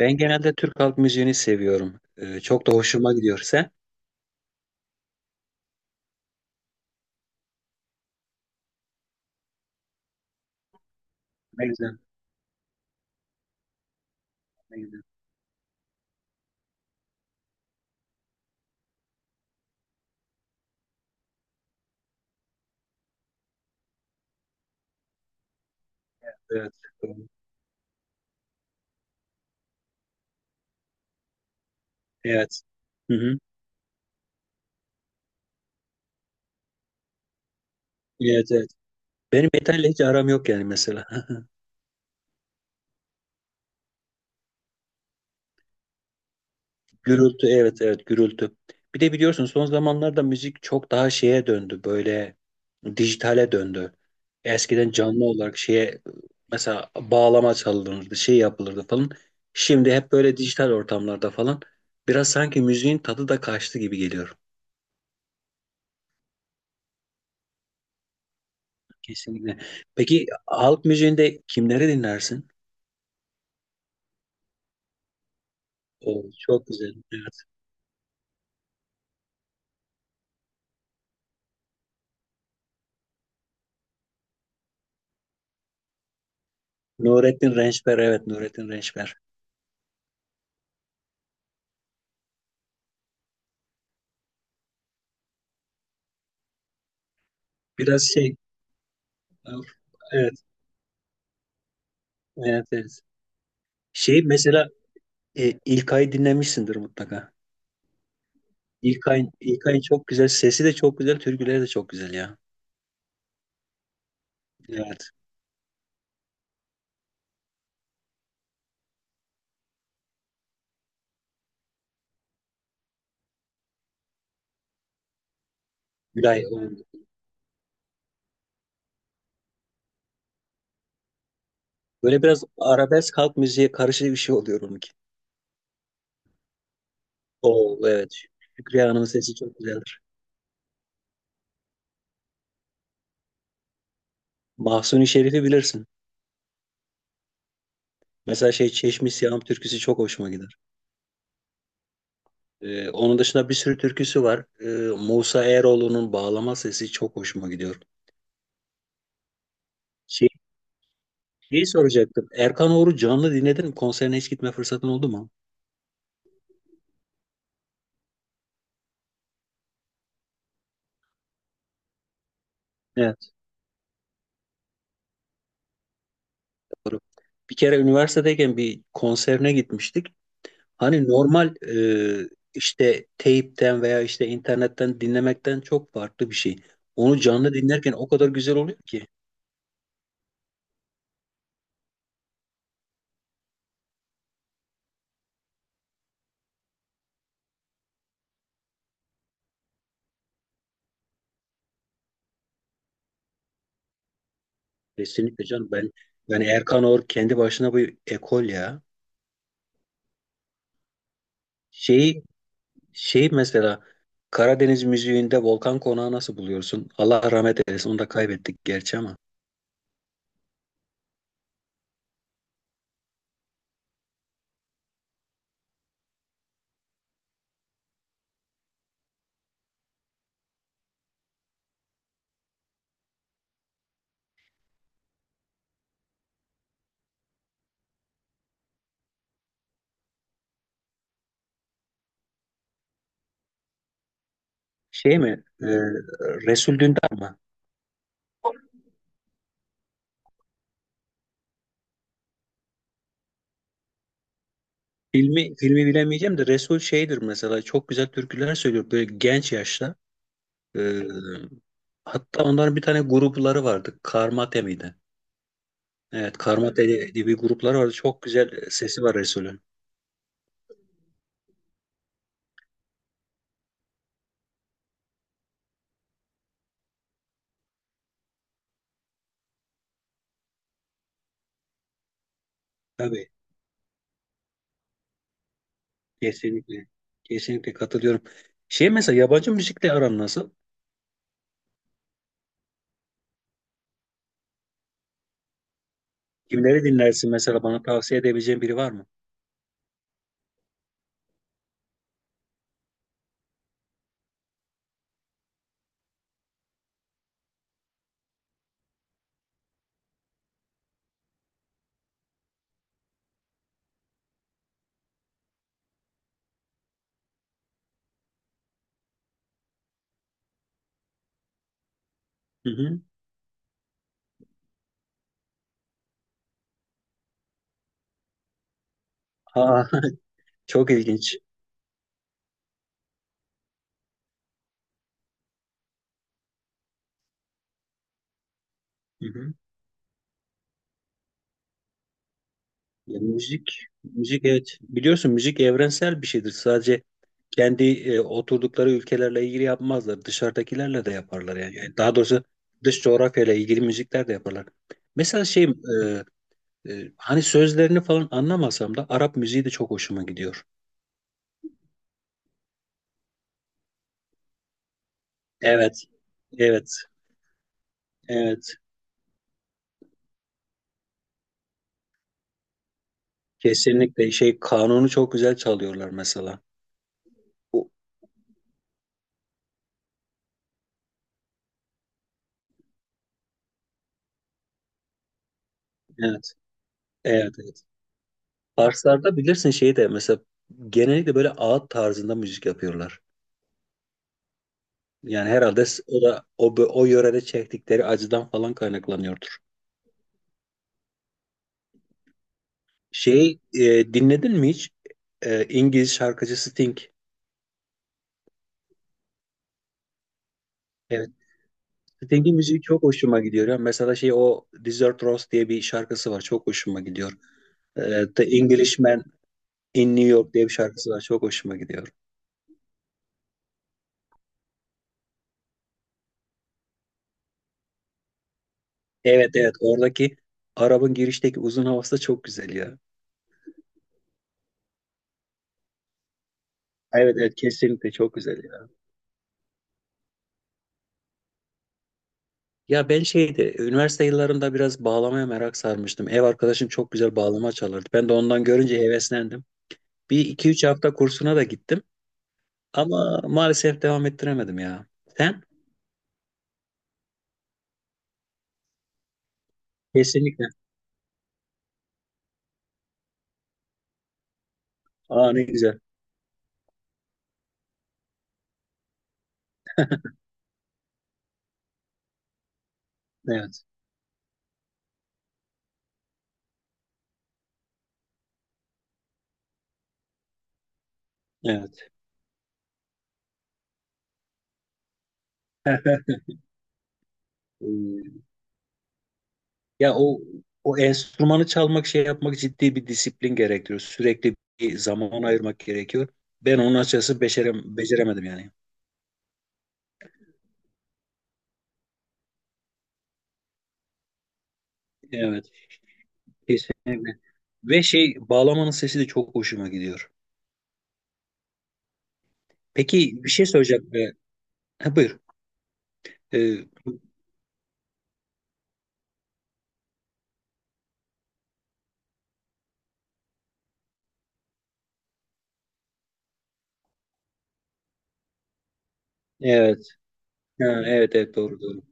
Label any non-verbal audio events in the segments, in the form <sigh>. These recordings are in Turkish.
Ben genelde Türk halk müziğini seviyorum. Çok da hoşuma gidiyor. Sen? Ne güzel, ne güzel. Evet. Evet. Hı hı. Evet, evet. Benim metalle hiç aram yok yani mesela. <laughs> Gürültü, evet, evet, gürültü. Bir de biliyorsun son zamanlarda müzik çok daha şeye döndü. Böyle dijitale döndü. Eskiden canlı olarak şeye mesela bağlama çalınırdı, şey yapılırdı falan. Şimdi hep böyle dijital ortamlarda falan. Biraz sanki müziğin tadı da kaçtı gibi geliyor. Kesinlikle. Peki halk müziğinde kimleri dinlersin? O çok güzel. Evet. Nurettin Rençper. Evet, Nurettin Rençper. Biraz şey. Evet. Evet, evet. Şey mesela İlkay'ı dinlemişsindir mutlaka. İlkay'ın çok güzel. Sesi de çok güzel. Türküleri de çok güzel ya. Evet. Gülay. Böyle biraz arabesk halk müziğe karışık bir şey oluyor onunki. O evet. Şükriye Hanım'ın sesi çok güzeldir. Mahsuni Şerif'i bilirsin. Mesela şey Çeşmi Siyahım türküsü çok hoşuma gider. Onun dışında bir sürü türküsü var. Musa Eroğlu'nun bağlama sesi çok hoşuma gidiyor. Şey, şeyi soracaktım. Erkan Oğur'u canlı dinledin mi? Konserine hiç gitme fırsatın oldu mu? Evet, doğru. Bir kere üniversitedeyken bir konserine gitmiştik. Hani normal işte teypten veya işte internetten dinlemekten çok farklı bir şey. Onu canlı dinlerken o kadar güzel oluyor ki. Kesinlikle canım ben yani Erkan Oğur kendi başına bir ekol ya. Şeyi şey mesela Karadeniz müziğinde Volkan Konağı nasıl buluyorsun? Allah rahmet eylesin. Onu da kaybettik gerçi ama. Şey mi? Resul Dündar mı? Filmi, filmi bilemeyeceğim de Resul şeydir mesela. Çok güzel türküler söylüyor böyle genç yaşta. E, Hatta onların bir tane grupları vardı. Karmate miydi? Evet, Karmate diye bir grupları vardı. Çok güzel sesi var Resul'ün. Tabii kesinlikle. Kesinlikle katılıyorum. Şey mesela yabancı müzikle aran nasıl? Kimleri dinlersin mesela, bana tavsiye edebileceğin biri var mı? Hı hı. Aa, <laughs> çok ilginç. Hı hı. Ya, müzik evet. Biliyorsun müzik evrensel bir şeydir. Sadece kendi oturdukları ülkelerle ilgili yapmazlar. Dışarıdakilerle de yaparlar yani. Yani daha doğrusu dış coğrafyayla ilgili müzikler de yaparlar. Mesela şey hani sözlerini falan anlamasam da Arap müziği de çok hoşuma gidiyor. Evet, evet, evet. Kesinlikle şey kanunu çok güzel çalıyorlar mesela. Bu- Evet, evet, evet. Farslarda bilirsin şeyi de mesela genellikle böyle ağıt tarzında müzik yapıyorlar. Yani herhalde o da o yörede çektikleri acıdan falan kaynaklanıyordur. Şey dinledin mi hiç? İngiliz şarkıcı Sting. Evet. Sting'in müziği çok hoşuma gidiyor ya. Mesela şey o Desert Rose diye bir şarkısı var. Çok hoşuma gidiyor. The Englishman in New York diye bir şarkısı var. Çok hoşuma gidiyor. Evet, evet, oradaki Arap'ın girişteki uzun havası da çok güzel ya. Evet, evet, kesinlikle çok güzel ya. Ya ben şeyde üniversite yıllarımda biraz bağlamaya merak sarmıştım. Ev arkadaşım çok güzel bağlama çalardı. Ben de ondan görünce heveslendim. Bir iki üç hafta kursuna da gittim. Ama maalesef devam ettiremedim ya. Sen? Kesinlikle. Aa, ne güzel. Evet. Evet. Ee, Ya o enstrümanı çalmak şey yapmak ciddi bir disiplin gerektiriyor. Sürekli bir zaman ayırmak gerekiyor. Ben onun açıkçası becerem, beceremedim yani. Evet. Kesinlikle. Ve şey bağlamanın sesi de çok hoşuma gidiyor. Peki bir şey soracak mı? Ha, buyur. Ee, evet. Ha, evet, evet, doğru doğru.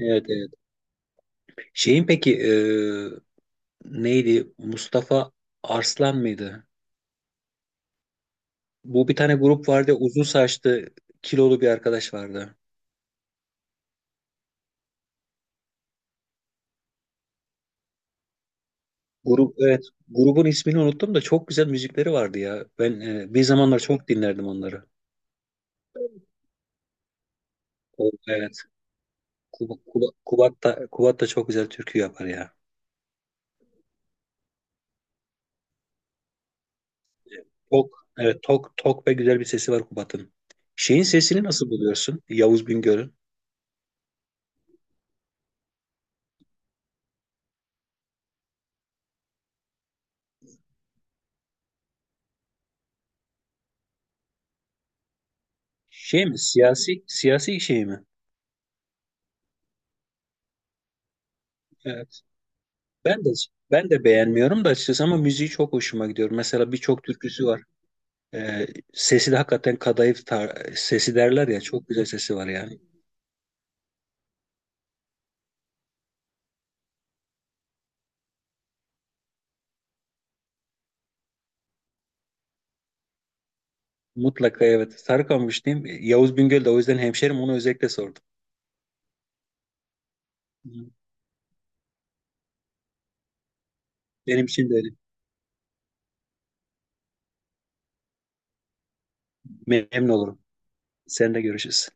Evet, evet. Şeyin peki neydi? Mustafa Arslan mıydı? Bu bir tane grup vardı. Uzun saçlı kilolu bir arkadaş vardı. Grup evet. Grubun ismini unuttum da çok güzel müzikleri vardı ya. Ben bir zamanlar çok dinlerdim onları. O, evet. Kubat da çok güzel türkü yapar ya. Tok, evet, tok, tok ve güzel bir sesi var Kubat'ın. Şeyin sesini nasıl buluyorsun? Yavuz Bingöl'ün. Şey mi? Siyasi şey mi? Evet. Ben de ben de beğenmiyorum da açıkçası ama müziği çok hoşuma gidiyor. Mesela birçok türküsü var. Ee, Sesi de hakikaten kadayıf tar- sesi derler ya, çok güzel sesi var yani. Mutlaka evet. Sarıkamış diyeyim. Yavuz Bingöl de o yüzden hemşerim, onu özellikle sordum. Hı. Benim için de öyle. Memnun olurum. Seninle görüşürüz.